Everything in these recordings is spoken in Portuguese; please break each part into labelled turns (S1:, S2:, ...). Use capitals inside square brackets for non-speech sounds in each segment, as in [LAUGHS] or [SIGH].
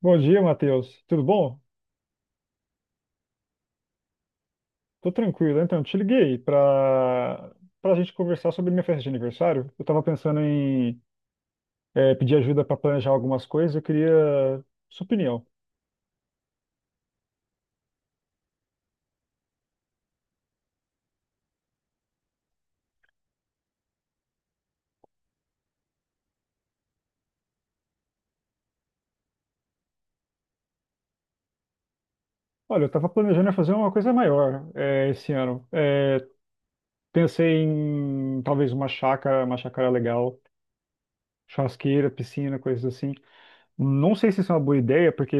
S1: Bom dia, Matheus. Tudo bom? Tô tranquilo. Então, te liguei para a gente conversar sobre minha festa de aniversário. Eu tava pensando em pedir ajuda para planejar algumas coisas. Eu queria sua opinião. Olha, eu tava planejando fazer uma coisa maior esse ano. Pensei em talvez uma chácara legal, churrasqueira, piscina, coisas assim. Não sei se isso é uma boa ideia, porque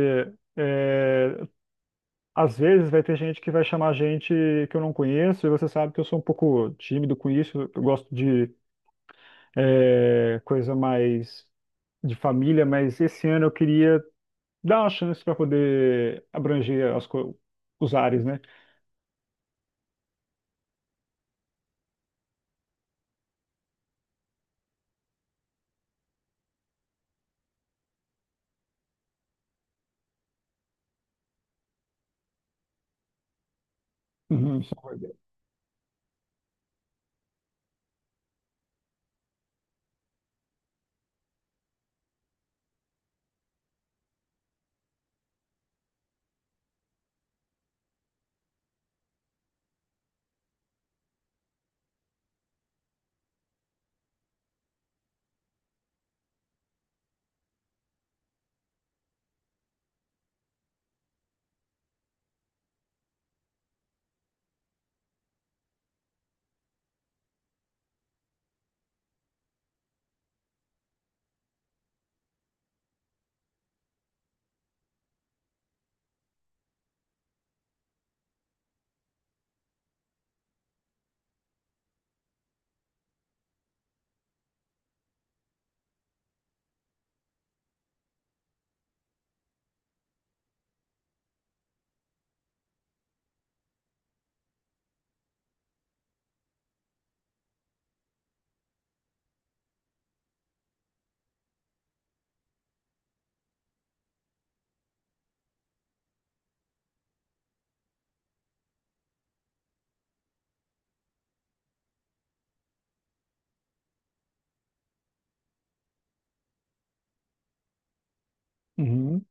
S1: é, às vezes vai ter gente que vai chamar gente que eu não conheço, e você sabe que eu sou um pouco tímido com isso, eu gosto de coisa mais de família, mas esse ano eu queria dar uma chance para poder abranger os ares, né? Uhum, isso é uma boa ideia. Uhum.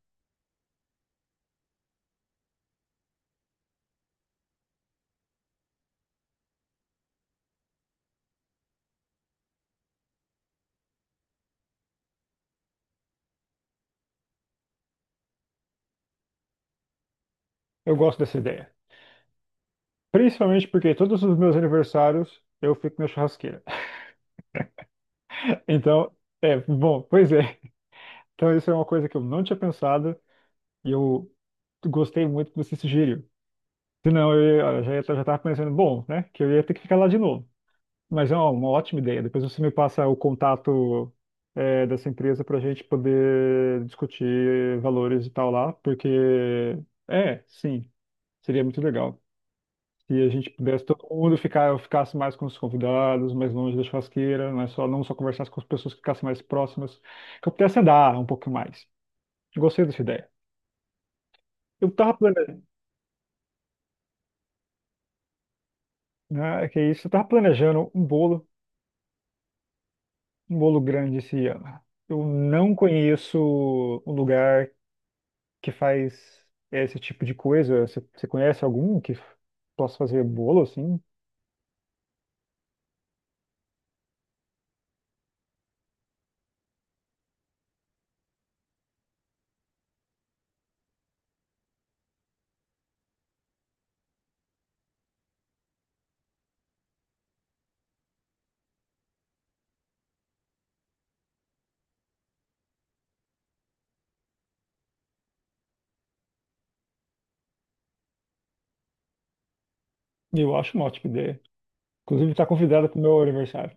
S1: Eu gosto dessa ideia. Principalmente porque todos os meus aniversários eu fico na churrasqueira. [LAUGHS] Então, bom, pois é. Então isso é uma coisa que eu não tinha pensado e eu gostei muito que você sugeriu. Senão eu, ia- eu já ia- já estava pensando, bom, né, que eu ia ter que ficar lá de novo. Mas é uma ótima ideia. Depois você me passa o contato dessa empresa para a gente poder discutir valores e tal lá, porque sim, seria muito legal. Se a gente pudesse todo mundo ficar, eu ficasse mais com os convidados, mais longe da churrasqueira, não é só não só conversasse com as pessoas que ficassem mais próximas, que eu pudesse andar um pouco mais. Gostei dessa ideia. Eu tava planejando, né, é que é isso, eu tava planejando um bolo um bolo grande esse ano. Eu não conheço um lugar que faz esse tipo de coisa. Você conhece algum que possa fazer bolo assim? Eu acho uma ótima ideia. Inclusive, está convidada para o meu aniversário.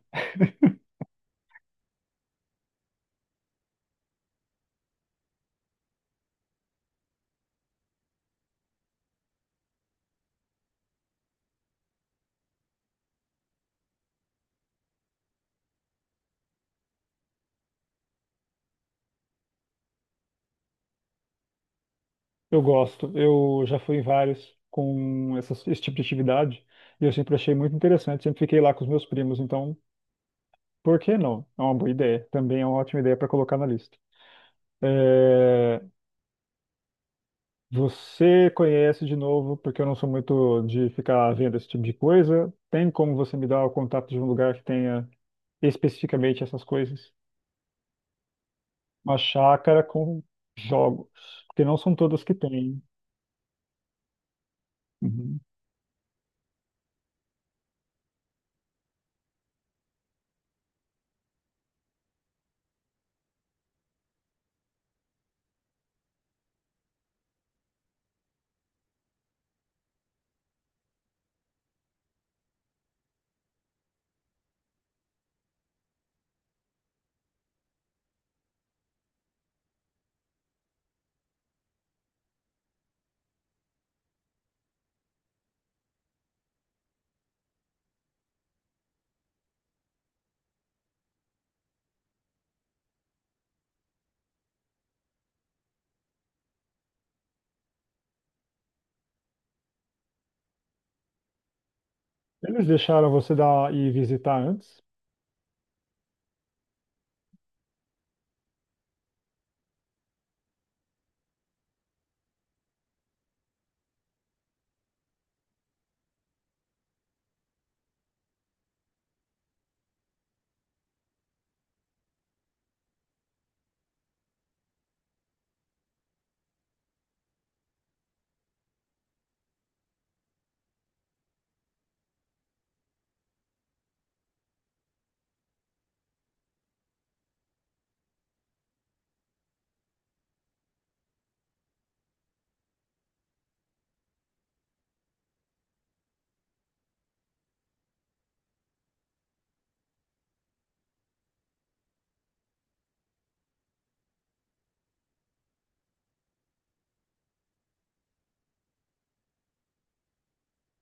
S1: Eu gosto. Eu já fui em vários com esse tipo de atividade e eu sempre achei muito interessante. Sempre fiquei lá com os meus primos. Então, por que não? É uma boa ideia. Também é uma ótima ideia para colocar na lista. É, Você conhece de novo, porque eu não sou muito de ficar vendo esse tipo de coisa. Tem como você me dar o contato de um lugar que tenha especificamente essas coisas? Uma chácara com jogos, porque não são todas que têm. Uhum. Eles deixaram você dar e visitar antes?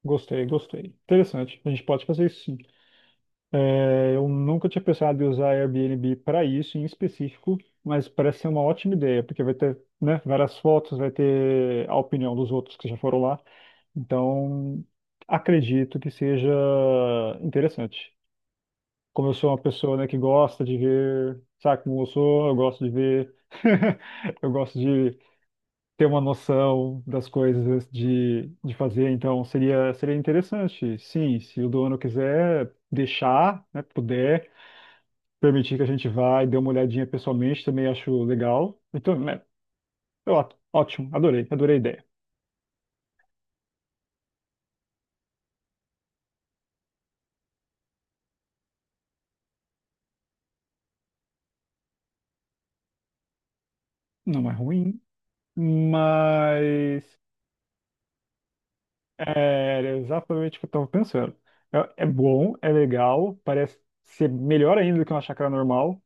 S1: Gostei, gostei. Interessante. A gente pode fazer isso, sim. É, eu nunca tinha pensado em usar Airbnb para isso em específico, mas parece ser uma ótima ideia, porque vai ter, né, várias fotos, vai ter a opinião dos outros que já foram lá. Então, acredito que seja interessante. Como eu sou uma pessoa, né, que gosta de ver, sabe como eu sou, eu gosto de ver, [LAUGHS] eu gosto de ter uma noção das coisas antes de fazer, então seria, seria interessante, sim, se o dono quiser deixar, né, puder, permitir que a gente vá e dê uma olhadinha pessoalmente, também acho legal. Então, né, eu, ótimo, adorei, adorei a ideia. Não é ruim, mas é, era exatamente o que eu tava pensando. É, é bom, é legal, parece ser melhor ainda do que uma chácara normal,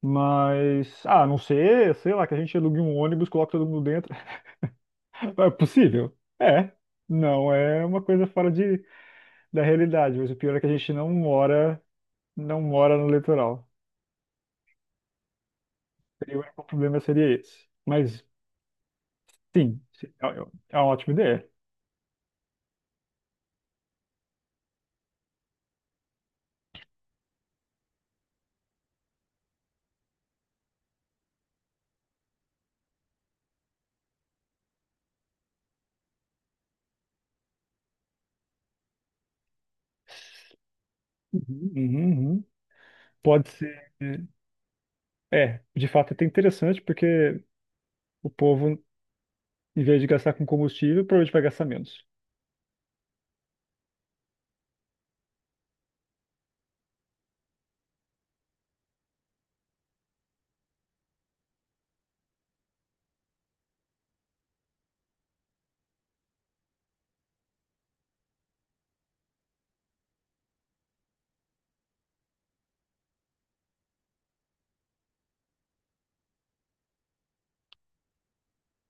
S1: mas, ah, a não ser, sei lá, que a gente alugue um ônibus, coloque todo mundo dentro. [LAUGHS] É possível? É. Não, é uma coisa fora da realidade, mas o pior é que a gente não não mora no litoral. E o único problema seria esse. Mas, sim, é uma ótima ideia. Uhum, uhum, uhum. Pode ser. É, de fato é até interessante porque o povo, em vez de gastar com combustível, provavelmente vai gastar menos.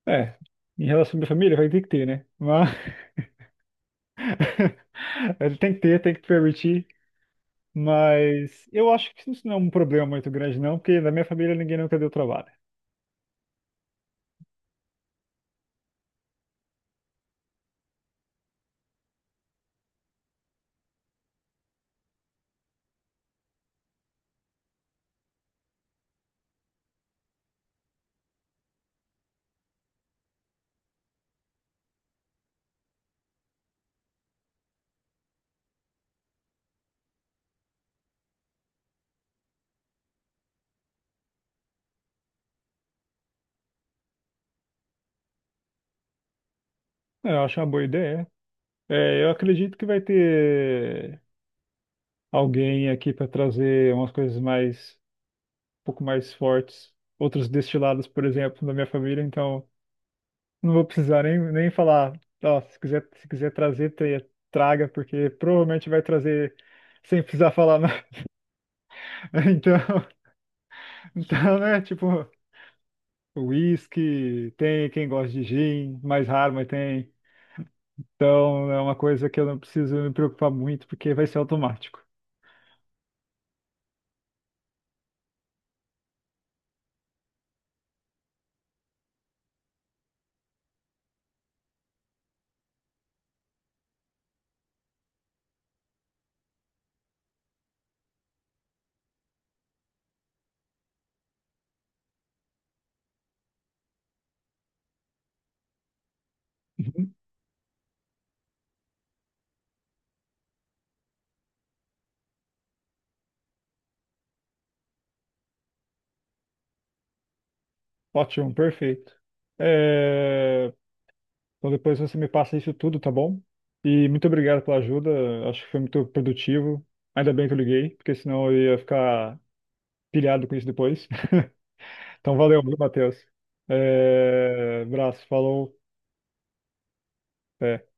S1: É, em relação à minha família, vai ter que ter, né? Mas [LAUGHS] ele tem que ter, tem que permitir. Mas eu acho que isso não é um problema muito grande, não, porque na minha família ninguém nunca deu trabalho. É, eu acho uma boa ideia. É, eu acredito que vai ter alguém aqui para trazer umas coisas mais, um pouco mais fortes, outros destilados, por exemplo, da minha família. Então, não vou precisar nem falar. Ó, se quiser, traga, porque provavelmente vai trazer sem precisar falar nada. [LAUGHS] Então, então, né? Tipo, whisky, tem quem gosta de gin, mais raro, mas tem. Então, é uma coisa que eu não preciso me preocupar muito, porque vai ser automático. Uhum. Ótimo, perfeito. Eh, Então depois você me passa isso tudo, tá bom? E muito obrigado pela ajuda, acho que foi muito produtivo. Ainda bem que eu liguei, porque senão eu ia ficar pilhado com isso depois. [LAUGHS] Então valeu, viu, Matheus? É... Abraço, falou. Até.